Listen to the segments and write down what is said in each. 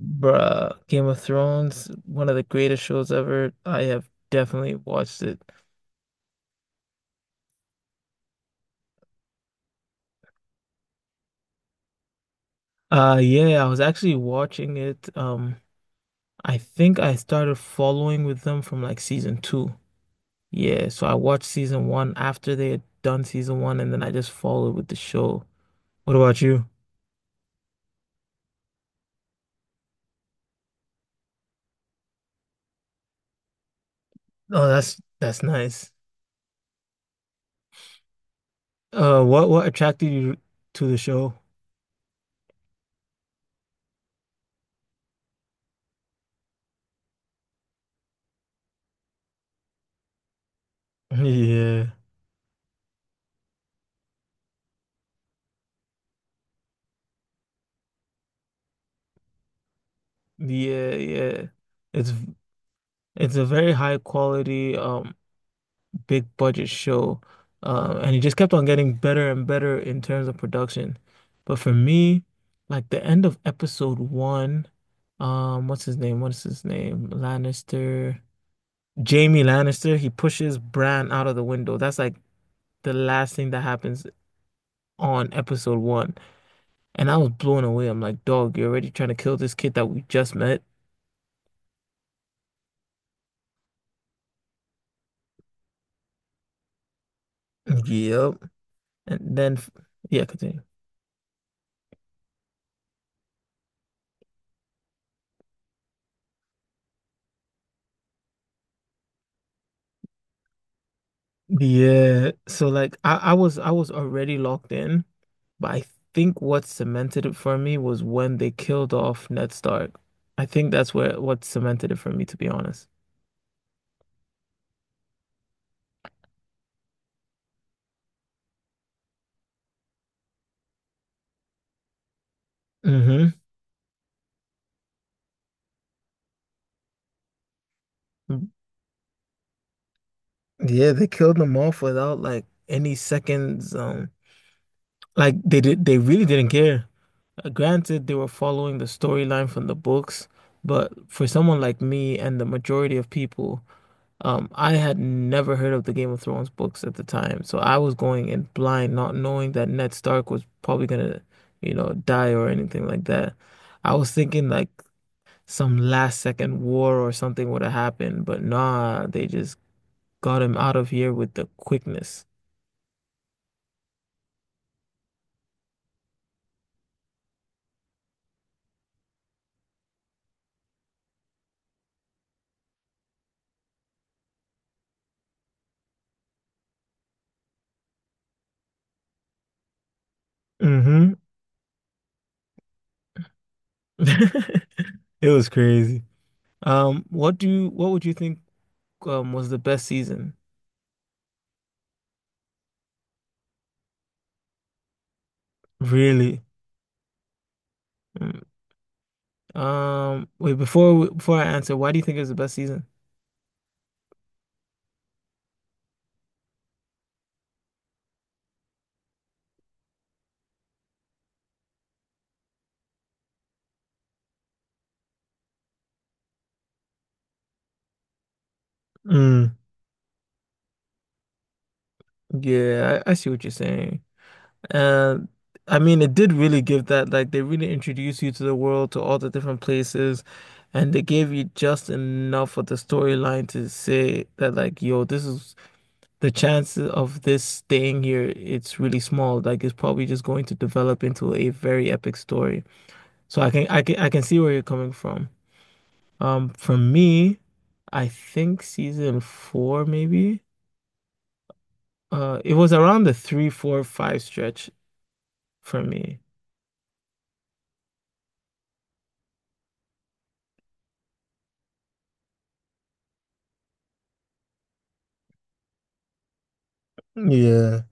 Bruh, Game of Thrones, one of the greatest shows ever. I have definitely watched it. Yeah, I was actually watching it. I think I started following with them from like season two. Yeah, so I watched season one after they had done season one and then I just followed with the show. What about you? Oh, that's nice. What attracted you to the show? Yeah. Yeah, yeah. It's it's a very high quality big budget show. And it just kept on getting better and better in terms of production. But for me, like the end of episode one, What's his name? Lannister. Jamie Lannister, he pushes Bran out of the window. That's like the last thing that happens on episode one. And I was blown away. I'm like, dog, you're already trying to kill this kid that we just met. Yep. And then, yeah, continue. Yeah, so like I was already locked in, but I think what cemented it for me was when they killed off Ned Stark. I think that's where what cemented it for me, to be honest. Hmm. Yeah, they killed them off without like any seconds. Like they did, they really didn't care. Granted, they were following the storyline from the books, but for someone like me and the majority of people. I had never heard of the Game of Thrones books at the time, so I was going in blind, not knowing that Ned Stark was probably gonna, die or anything like that. I was thinking like some last second war or something would have happened, but nah, they just got him out of here with the quickness. Hmm. It was crazy. What would you think was the best season? Really? Wait, before I answer, why do you think it was the best season? Mm. Yeah, I see what you're saying. Uh, I mean, it did really give that, like, they really introduced you to the world, to all the different places, and they gave you just enough of the storyline to say that, like, yo, this is the chances of this staying here, it's really small. Like it's probably just going to develop into a very epic story. So I can see where you're coming from. For me, I think season four maybe. It was around the three, four, five stretch for me. Yeah.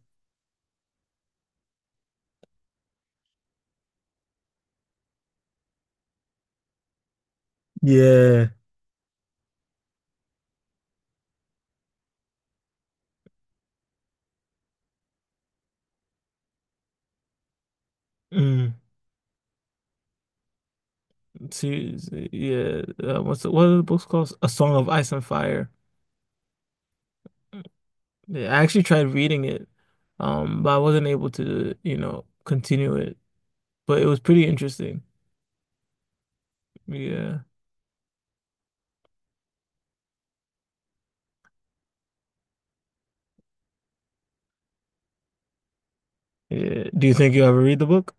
Yeah. Mm, series, yeah. What are the books called? A Song of Ice and Fire. Yeah, I actually tried reading it, but I wasn't able to, continue it. But it was pretty interesting. Yeah. Yeah. Do you think you ever read the book?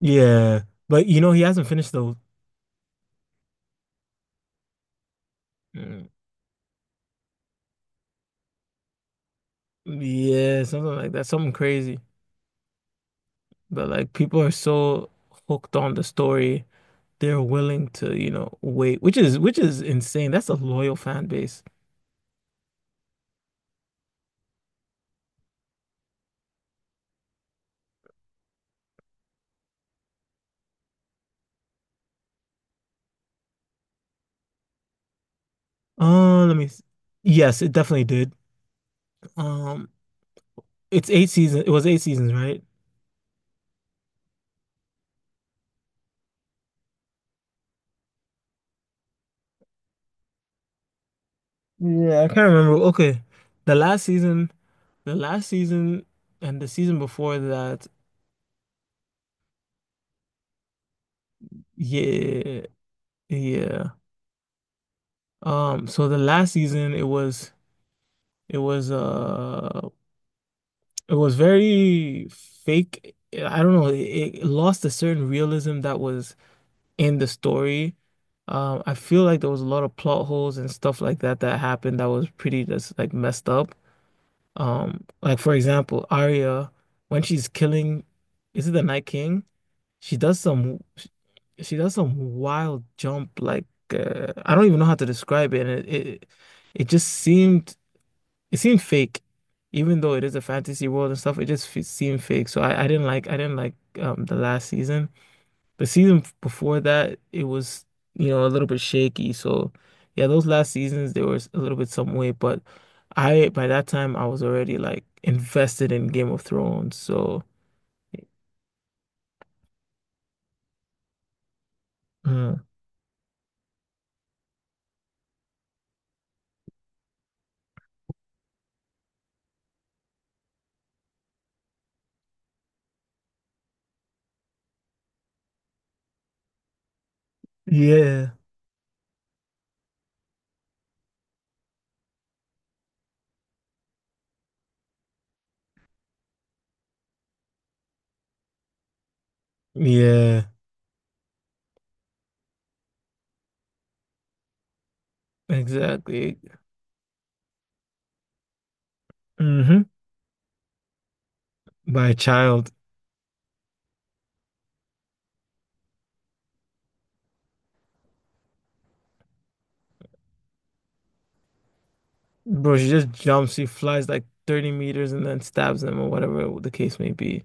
Yeah. But you know, he hasn't finished those. Mm. Yeah, something like that. Something crazy. But like people are so hooked on the story, they're willing to, wait, which is insane. That's a loyal fan base. Uh, let me s- Yes, it definitely did. Um, it's eight seasons. It was eight seasons, right? Yeah, I can't remember. Okay. The last season, the last season and the season before that. Yeah, yeah. So the last season it was it was uh it was very fake. I don't know, it, lost a certain realism that was in the story. I feel like there was a lot of plot holes and stuff like that that happened that was pretty just like messed up. Like for example, Arya when she's killing, is it the Night King? She does some wild jump like, I don't even know how to describe it. And, it just seemed, it seemed fake, even though it is a fantasy world and stuff. It just fe seemed fake. So, I didn't like the last season. The season f- before that it was, you know, a little bit shaky. So yeah, those last seasons they were s- a little bit some way, but I by that time I was already like invested in Game of Thrones. So uh, yeah. Yeah. Exactly. Hmm. By a child. Bro, she just jumps, she flies like 30 meters and then stabs them or whatever the case may be.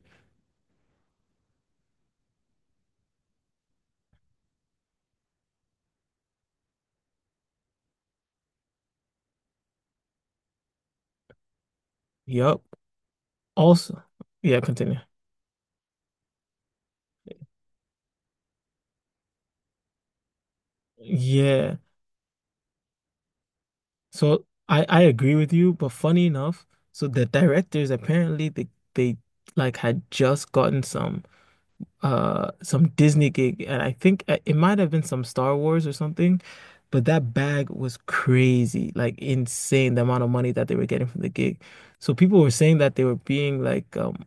Yup. Also, yeah, continue. Yeah. So I agree with you, but funny enough, so the directors apparently they like had just gotten some. Some Disney gig and I think, it might have been some Star Wars or something, but that bag was crazy, like insane the amount of money that they were getting from the gig. So people were saying that they were being um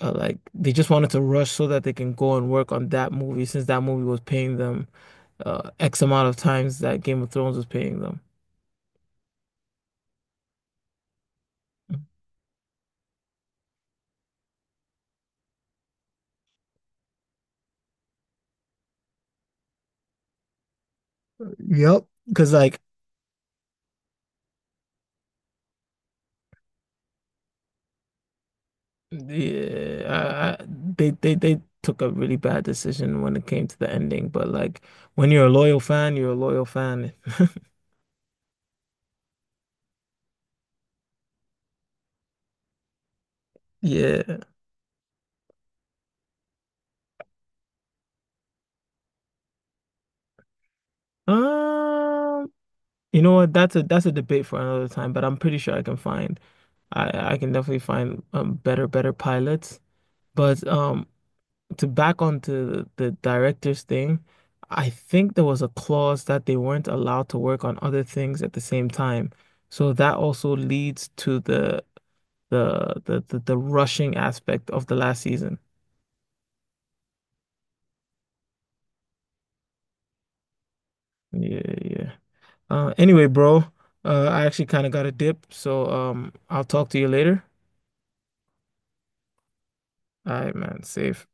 uh, like they just wanted to rush so that they can go and work on that movie since that movie was paying them X amount of times that Game of Thrones was paying them. Yep. Because like, yeah, I, they took a really bad decision when it came to the ending. But like, when you're a loyal fan, you're a loyal fan. Yeah. Um, you know what? That's a debate for another time. But I'm pretty sure I can find, I can definitely find better pilots. But to back onto the director's thing, I think there was a clause that they weren't allowed to work on other things at the same time. So that also leads to the rushing aspect of the last season. Yeah, yeah. Anyway, bro, I actually kind of got a dip, so I'll talk to you later. All right, man, safe.